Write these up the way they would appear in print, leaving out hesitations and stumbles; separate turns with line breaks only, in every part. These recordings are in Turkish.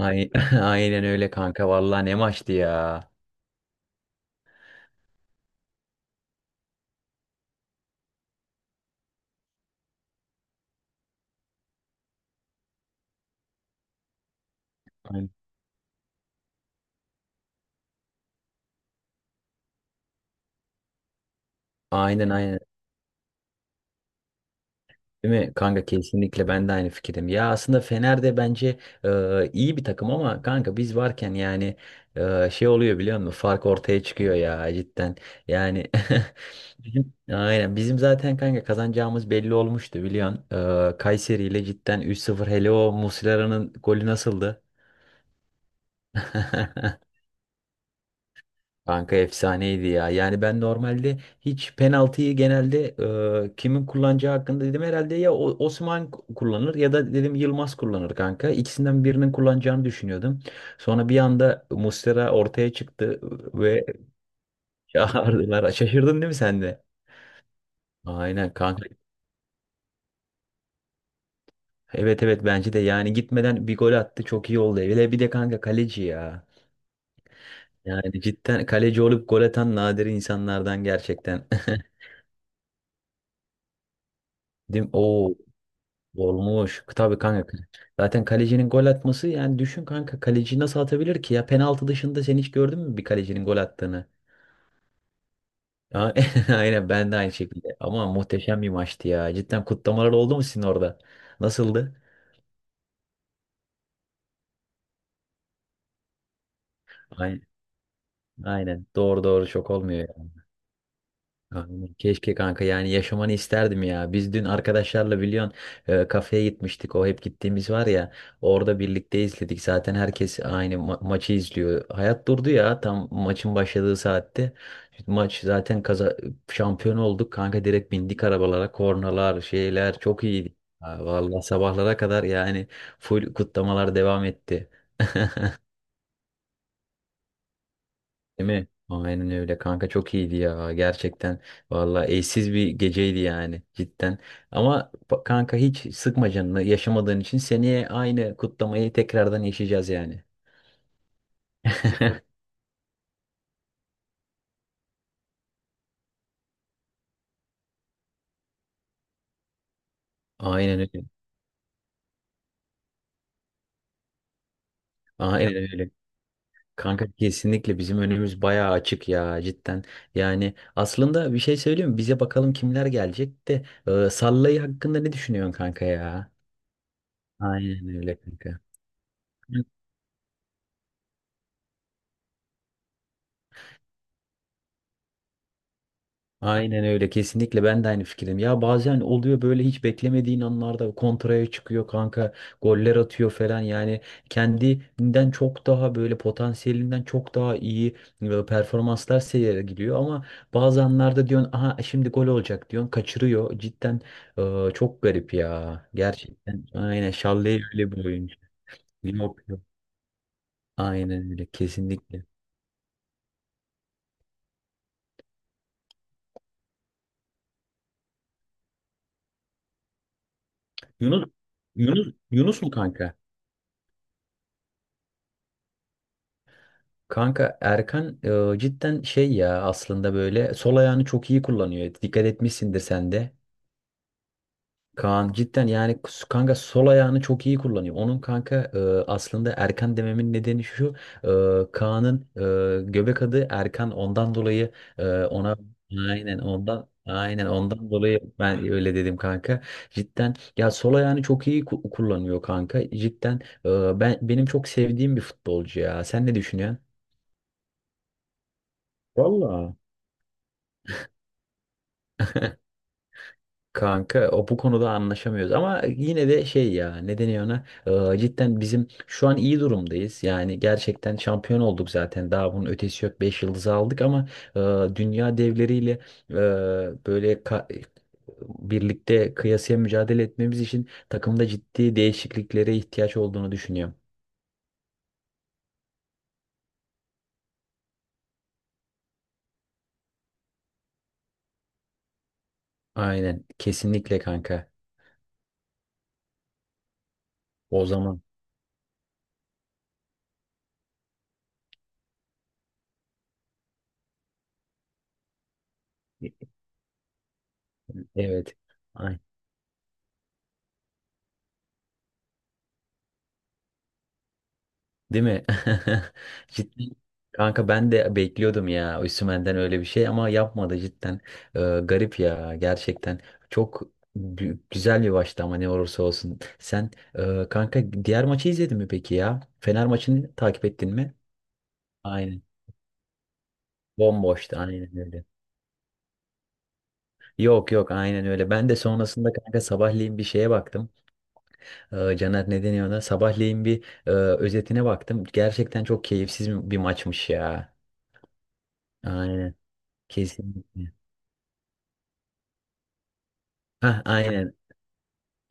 Ay- Aynen öyle kanka. Vallahi ne maçtı ya. Aynen aynen. Değil mi? Kanka kesinlikle ben de aynı fikirdim. Ya aslında Fener de bence iyi bir takım ama kanka biz varken yani şey oluyor biliyor musun? Fark ortaya çıkıyor ya cidden. Yani bizim zaten kanka kazanacağımız belli olmuştu biliyorsun. Kayseri ile cidden 3-0 hele o Muslera'nın golü nasıldı? Kanka efsaneydi ya. Yani ben normalde hiç penaltıyı genelde kimin kullanacağı hakkında dedim herhalde ya Osman kullanır ya da dedim Yılmaz kullanır kanka. İkisinden birinin kullanacağını düşünüyordum. Sonra bir anda Muslera ortaya çıktı ve çağırdılar. Şaşırdın değil mi sen de? Aynen kanka. Evet evet bence de yani gitmeden bir gol attı çok iyi oldu. Hele bir de kanka kaleci ya. Yani cidden kaleci olup gol atan nadir insanlardan gerçekten. Değil mi? Oo. Olmuş. Tabii kanka. Zaten kalecinin gol atması yani düşün kanka kaleci nasıl atabilir ki ya penaltı dışında sen hiç gördün mü bir kalecinin gol attığını? A- Aynen ben de aynı şekilde. Ama muhteşem bir maçtı ya. Cidden kutlamalar oldu mu sizin orada? Nasıldı? Aynen. Aynen. Doğru doğru şok olmuyor. Aynen. Keşke kanka yani yaşamanı isterdim ya. Biz dün arkadaşlarla biliyorsun kafeye gitmiştik. O hep gittiğimiz var ya. Orada birlikte izledik. Zaten herkes aynı maçı izliyor. Hayat durdu ya tam maçın başladığı saatte. Maç zaten kaza şampiyon olduk. Kanka direkt bindik arabalara. Kornalar, şeyler çok iyiydi. Ha, vallahi sabahlara kadar yani full kutlamalar devam etti. Değil mi? Aynen öyle kanka çok iyiydi ya gerçekten vallahi eşsiz bir geceydi yani cidden ama kanka hiç sıkma canını yaşamadığın için seneye aynı kutlamayı tekrardan yaşayacağız yani. Aynen öyle. Aynen öyle. Kanka kesinlikle bizim önümüz bayağı açık ya cidden. Yani aslında bir şey söyleyeyim mi? Bize bakalım kimler gelecek de Sallayı hakkında ne düşünüyorsun kanka ya? Aynen öyle kanka. Aynen öyle kesinlikle ben de aynı fikirdim. Ya bazen oluyor böyle hiç beklemediğin anlarda kontraya çıkıyor kanka goller atıyor falan yani kendinden çok daha böyle potansiyelinden çok daha iyi performanslar sergiliyor ama bazı anlarda diyorsun aha şimdi gol olacak diyorsun kaçırıyor cidden çok garip ya gerçekten aynen Şalle'yi öyle bir oyuncu. Yok, yok. Aynen öyle kesinlikle. Yunus Yunus mu kanka? Kanka Erkan cidden şey ya aslında böyle sol ayağını çok iyi kullanıyor. Dikkat etmişsindir sen de. Kaan cidden yani kanka sol ayağını çok iyi kullanıyor. Onun kanka aslında Erkan dememin nedeni şu. E, Kaan'ın göbek adı Erkan ondan dolayı ona aynen ondan dolayı ben öyle dedim kanka. Cidden ya sol ayağını çok iyi kullanıyor kanka. Cidden benim çok sevdiğim bir futbolcu ya. Sen ne düşünüyorsun? Valla. Kanka o bu konuda anlaşamıyoruz ama yine de şey ya ne deniyor ona. Cidden bizim şu an iyi durumdayız yani gerçekten şampiyon olduk zaten daha bunun ötesi yok 5 yıldızı aldık ama e, dünya devleriyle e, böyle ka- birlikte kıyasıya mücadele etmemiz için takımda ciddi değişikliklere ihtiyaç olduğunu düşünüyorum. Aynen kesinlikle kanka o zaman evet. Değil mi? Cidden. Kanka ben de bekliyordum ya Osimhen'den öyle bir şey ama yapmadı cidden. Garip ya gerçekten. Çok güzel bir maçtı ama ne olursa olsun. Sen kanka diğer maçı izledin mi peki ya? Fener maçını takip ettin mi? Aynen. Bomboştu aynen öyle. Yok yok aynen öyle. Ben de sonrasında kanka sabahleyin bir şeye baktım. Caner ne deniyor ona? Sabahleyin bir özetine baktım. Gerçekten çok keyifsiz bir maçmış ya. Aynen. Kesinlikle. Heh, aynen,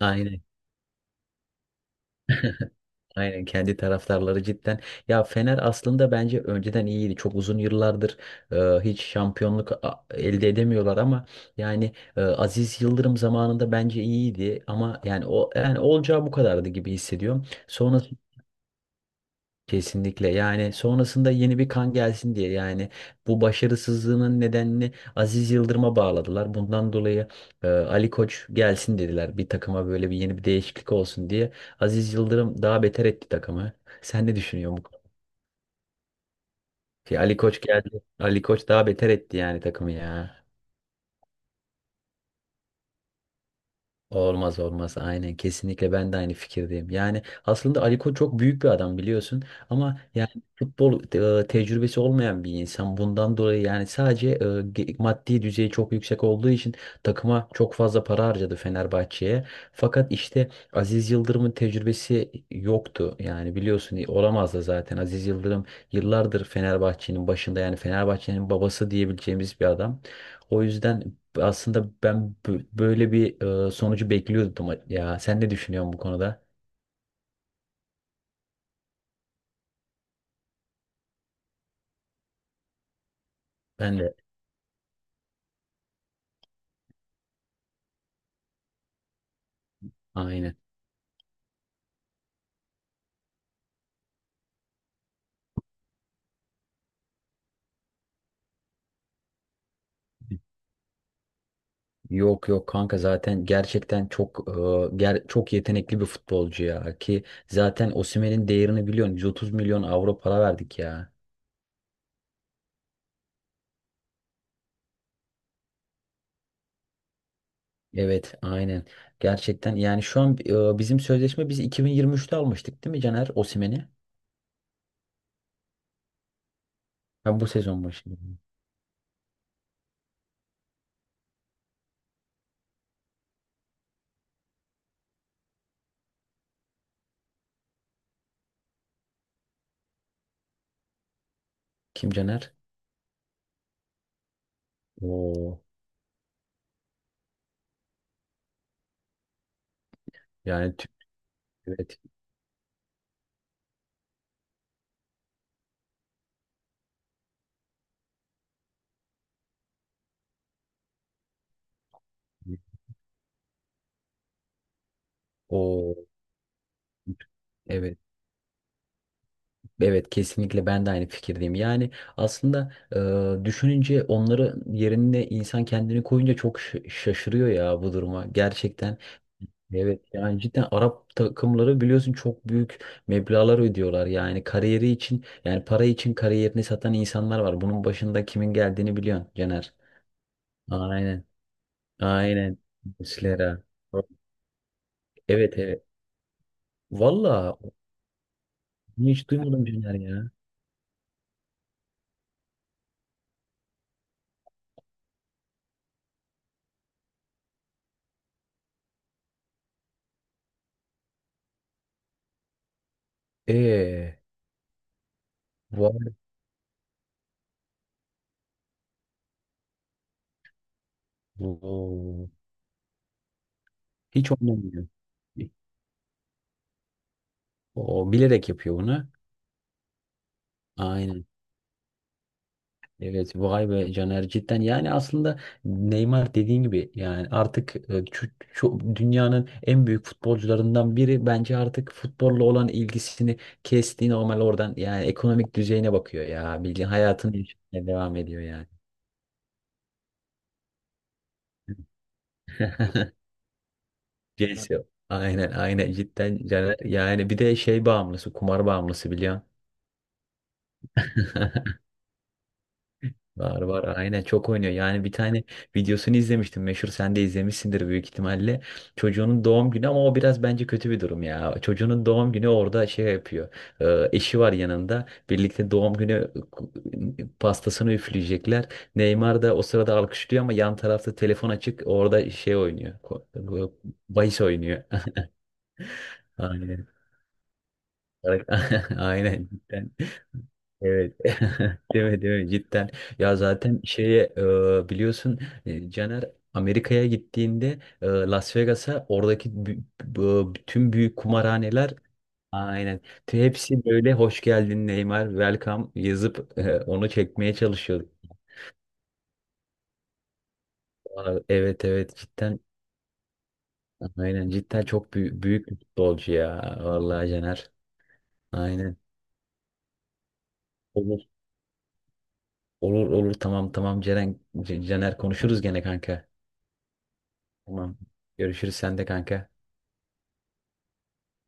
aynen, aynen kendi taraftarları cidden. Ya Fener aslında bence önceden iyiydi. Çok uzun yıllardır e, hiç şampiyonluk elde edemiyorlar ama yani Aziz Yıldırım zamanında bence iyiydi ama yani o yani olacağı bu kadardı gibi hissediyorum. Sonra. Kesinlikle yani sonrasında yeni bir kan gelsin diye yani bu başarısızlığının nedenini Aziz Yıldırım'a bağladılar. Bundan dolayı Ali Koç gelsin dediler bir takıma böyle bir yeni bir değişiklik olsun diye. Aziz Yıldırım daha beter etti takımı. Sen ne düşünüyorsun bu konuda? Ki Ali Koç geldi. Ali Koç daha beter etti yani takımı ya. Olmaz olmaz aynen kesinlikle ben de aynı fikirdeyim. Yani aslında Ali Koç çok büyük bir adam biliyorsun ama yani futbol tecrübesi olmayan bir insan bundan dolayı yani sadece maddi düzeyi çok yüksek olduğu için takıma çok fazla para harcadı Fenerbahçe'ye. Fakat işte Aziz Yıldırım'ın tecrübesi yoktu yani biliyorsun olamaz da zaten Aziz Yıldırım yıllardır Fenerbahçe'nin başında yani Fenerbahçe'nin babası diyebileceğimiz bir adam. O yüzden aslında ben böyle bir sonucu bekliyordum ya. Sen ne düşünüyorsun bu konuda? Ben de aynı. Yok yok kanka zaten gerçekten çok çok yetenekli bir futbolcu ya ki zaten Osimhen'in değerini biliyorsun 130 milyon avro para verdik ya. Evet aynen. Gerçekten yani şu an bizim sözleşme biz 2023'te almıştık değil mi Caner Osimhen'i? Ha bu sezon başı. Kim Caner? Oo yani evet. O evet. Evet kesinlikle ben de aynı fikirdeyim. Yani aslında düşününce onları yerine insan kendini koyunca çok şaşırıyor ya bu duruma gerçekten. Evet yani cidden Arap takımları biliyorsun çok büyük meblağlar ödüyorlar. Yani kariyeri için yani para için kariyerini satan insanlar var. Bunun başında kimin geldiğini biliyorsun Caner. Aynen aynen Muslera. Evet evet. Valla bunu hiç duymadım Caner ya. Eee. Vay. Hiç oynamıyor. O bilerek yapıyor bunu. Aynen. Evet vay be Caner cidden yani aslında Neymar dediğin gibi yani artık şu dünyanın en büyük futbolcularından biri bence artık futbolla olan ilgisini kesti normal oradan yani ekonomik düzeyine bakıyor ya bildiğin hayatını yaşamaya devam ediyor yani. Celsio. Aynen aynen cidden Caner yani bir de şey bağımlısı kumar bağımlısı biliyorsun. Var var aynen çok oynuyor. Yani bir tane videosunu izlemiştim. Meşhur sen de izlemişsindir büyük ihtimalle. Çocuğunun doğum günü ama o biraz bence kötü bir durum ya. Çocuğunun doğum günü orada şey yapıyor. Eşi var yanında. Birlikte doğum günü pastasını üfleyecekler. Neymar da o sırada alkışlıyor ama yan tarafta telefon açık. Orada şey oynuyor. Bahis oynuyor. Aynen. Aynen. Evet. Değil mi, değil mi? Cidden. Ya zaten şeye biliyorsun Caner Amerika'ya gittiğinde Las Vegas'a oradaki bütün büyük kumarhaneler aynen hepsi böyle hoş geldin Neymar welcome yazıp onu çekmeye çalışıyorduk. Aa, evet evet cidden aynen cidden çok büyük bir futbolcu ya vallahi Caner. Aynen. Olur olur tamam tamam Ceren Caner konuşuruz gene kanka. Tamam. Görüşürüz sen de kanka.